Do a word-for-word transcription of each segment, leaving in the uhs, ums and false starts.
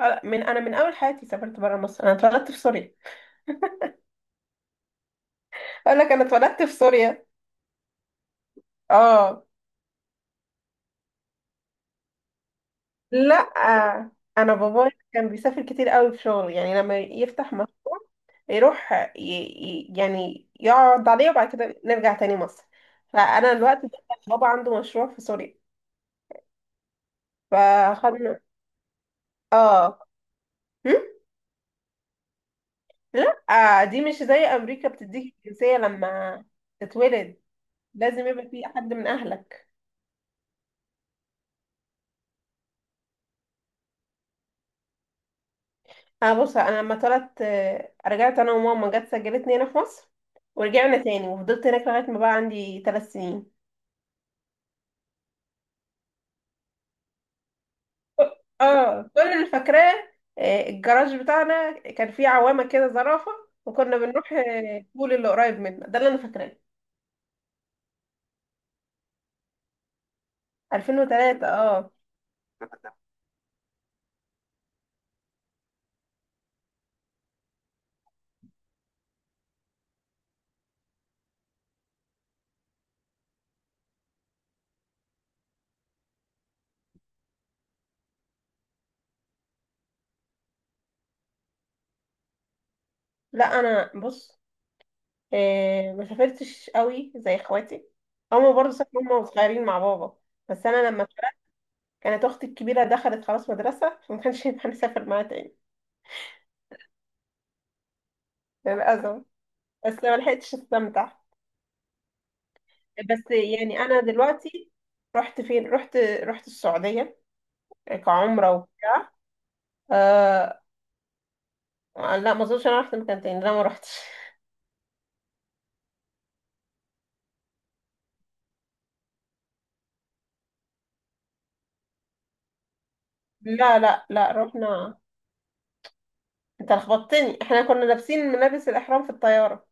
آه، من انا من اول حياتي سافرت برا مصر، انا اتولدت في سوريا. اقول لك انا اتولدت في سوريا. اه لا، انا بابايا كان بيسافر كتير قوي في شغل، يعني لما يفتح مشروع يروح ي... ي- يعني يقعد عليه وبعد كده نرجع تاني مصر. فانا الوقت ده كان بابا عنده مشروع في سوريا، فخدنا. اه هم؟ لا، آه، دي مش زي امريكا بتديك الجنسية لما تتولد، لازم يبقى في حد من اهلك. انا بص، انا لما طلعت، آه، رجعت انا وماما، جت سجلتني هنا في مصر، ورجعنا تاني وفضلت هناك لغايه ما بقى عندي ثلاث سنين. اه، كل اللي فاكراه، آه، الجراج بتاعنا كان فيه عوامه كده زرافه، وكنا بنروح آه، البول اللي قريب منا ده. اللي انا فاكراه الفين وتلاتة. اه، لا انا بص، آه، ما سافرتش قوي زي اخواتي. هما برضه سافروا هما وصغيرين مع بابا، بس انا لما اتولدت كانت اختي الكبيره دخلت خلاص مدرسه، فما كانش ينفع نسافر معاها تاني. للاسف، بس ما لحقتش استمتع. بس يعني انا دلوقتي رحت فين؟ رحت رحت السعوديه كعمره و... آه... لا ما اظنش انا رحت مكان تاني، لا ما رحتش. لا لا لا رحنا، انت لخبطتني. احنا كنا لابسين ملابس الاحرام في الطياره،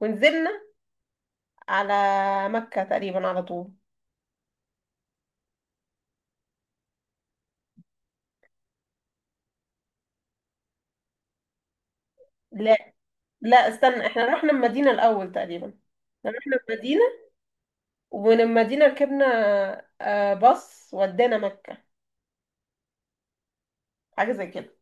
ونزلنا على مكه تقريبا على طول. لا لا استنى، احنا رحنا المدينه الاول تقريبا. احنا رحنا المدينه ومن المدينه ركبنا آه، باص ودانا مكه، حاجه زي كده.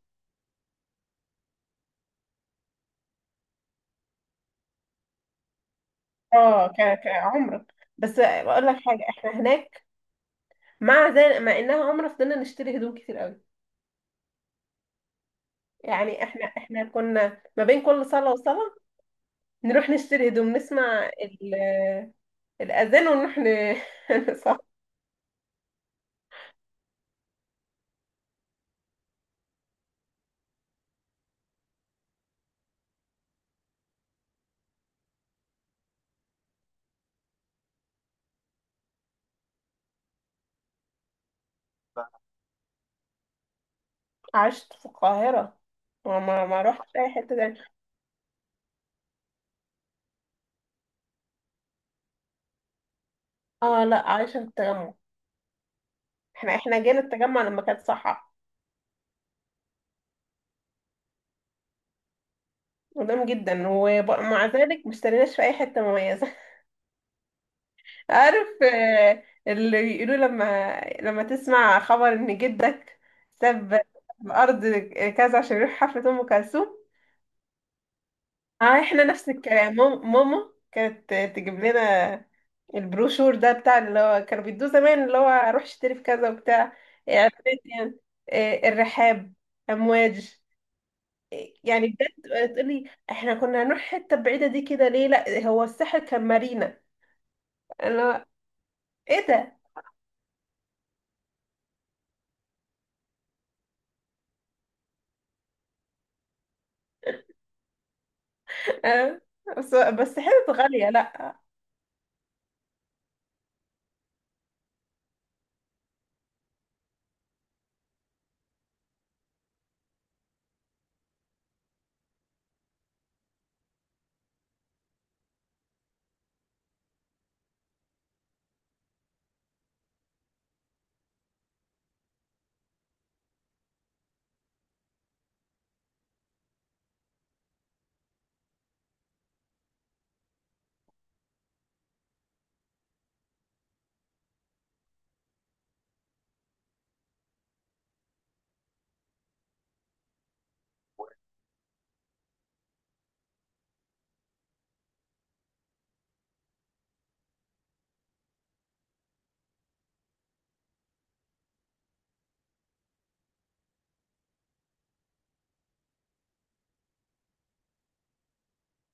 اه، ك... كعمرة. بس بقول لك حاجة، احنا هناك مع زي مع انها عمرة فضلنا نشتري هدوم كتير قوي. يعني احنا احنا كنا ما بين كل صلاة وصلاة نروح نشتري هدوم، نسمع ال... الأذان ونروح ن... صح. عشت في القاهرة، وما ما رحتش أي حتة تانية. اه، لا عايشة في التجمع. احنا احنا جينا التجمع لما كانت صحة. قدام جدا، ومع ذلك ما اشتريناش في أي حتة مميزة. عارف، آه، اللي بيقولوا لما لما تسمع خبر ان جدك ساب الارض كذا عشان يروح حفلة ام كلثوم؟ اه، احنا نفس الكلام. مام- ماما كانت تجيب لنا البروشور ده بتاع اللي هو كانوا بيدوه زمان، اللي هو اروح اشتري في كذا وبتاع، اعلانات يعني. آه، الرحاب، امواج، آه، يعني بجد تقولي احنا كنا هنروح حته بعيده دي كده ليه؟ لا هو الساحل كان مارينا. انا ايه ده؟ آه، بس بس حتت غالية لا.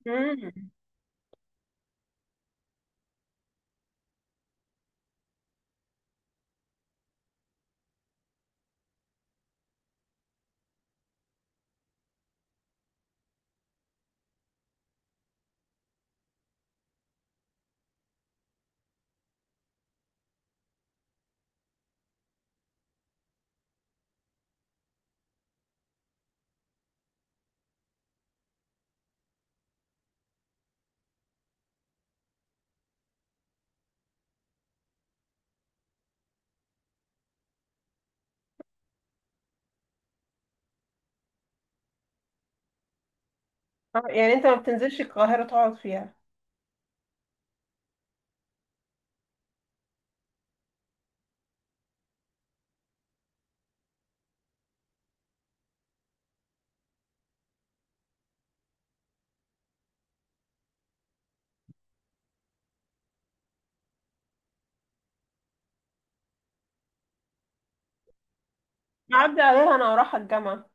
مم. آه، يعني انت ما بتنزلش القاهرة تقعد فيها؟ بعدي عليها انا ورايحة الجامعة.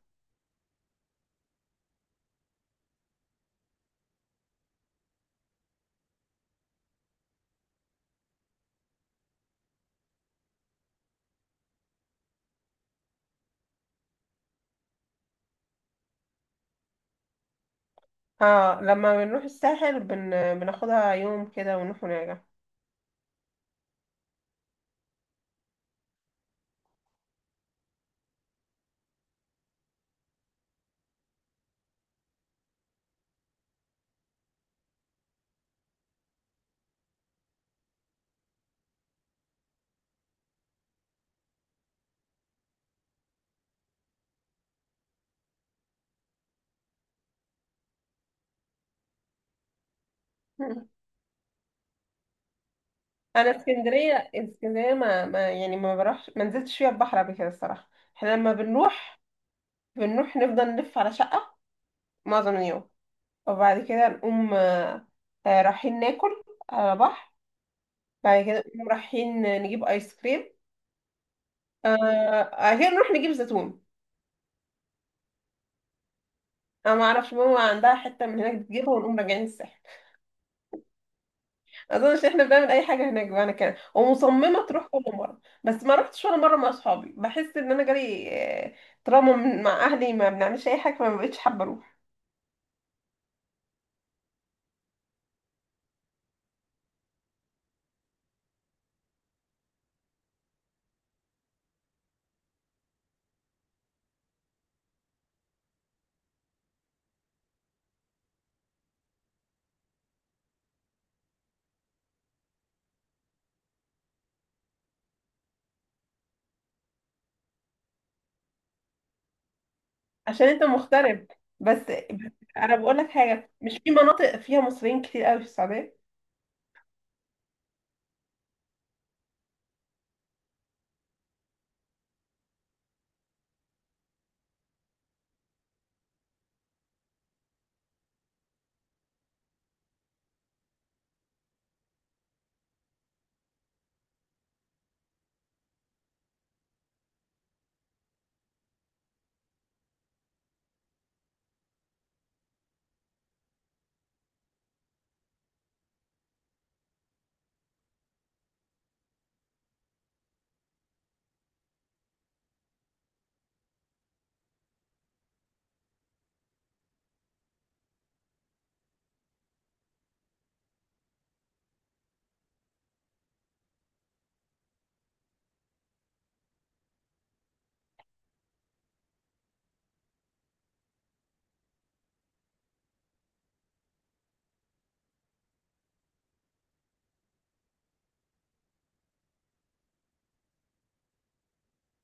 اه، لما بنروح الساحل بن... بناخدها يوم كده ونروح ونرجع. مم. انا اسكندرية، اسكندرية ما... ما يعني ما بروحش، ما نزلتش فيها البحر قبل كده الصراحة. احنا لما بنروح بنروح نفضل نلف على شقة معظم اليوم، وبعد كده نقوم آه، آه، رايحين ناكل على بحر، بعد كده نقوم رايحين نجيب ايس كريم، آه... آه، كده نروح نجيب زيتون. انا ما اعرفش، ماما عندها حته من هناك بتجيبها، ونقوم راجعين الساحل. ما اظنش احنا بنعمل اي حاجه هناك بقى، انا كده ومصممه تروح كل مره، بس ما رحتش ولا مره مع اصحابي، بحس ان انا جالي آه، تراما من- مع اهلي ما بنعملش اي حاجه، فما بقتش حابه اروح. عشان انت مغترب، بس بس انا بقول لك حاجه، مش في مناطق فيها مصريين كتير قوي في السعوديه.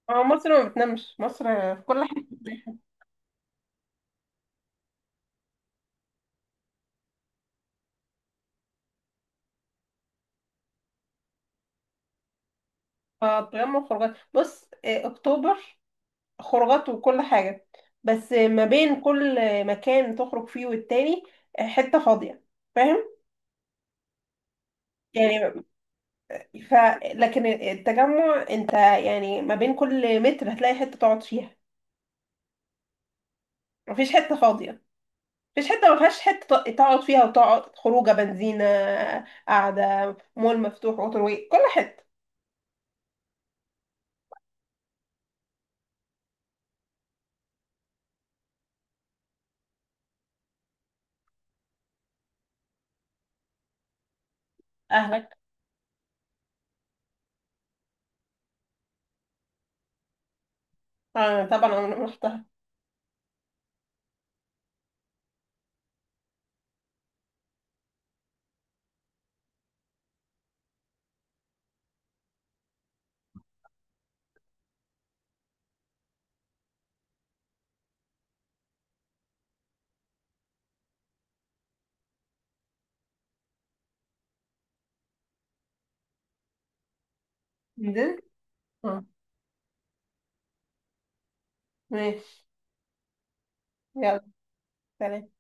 آه، مصر ما بتنامش مصر، في كل حته. آه، تجمع خروجات، بص آه، اكتوبر خروجات وكل حاجة. بس ما بين كل مكان تخرج فيه والتاني حتة فاضية، فاهم يعني؟ ف لكن التجمع انت يعني ما بين كل متر هتلاقي حتة تقعد فيها، مفيش حتة فاضية، مفيش حتة ما فيهاش حتة ت- تقعد فيها وتقعد خروجة، بنزينة قاعدة، مول مفتوح، ووتر واي، كل حتة. اهلك، آه طبعا انا رحتها. نزلت، آه، ماشي. يلا سلام.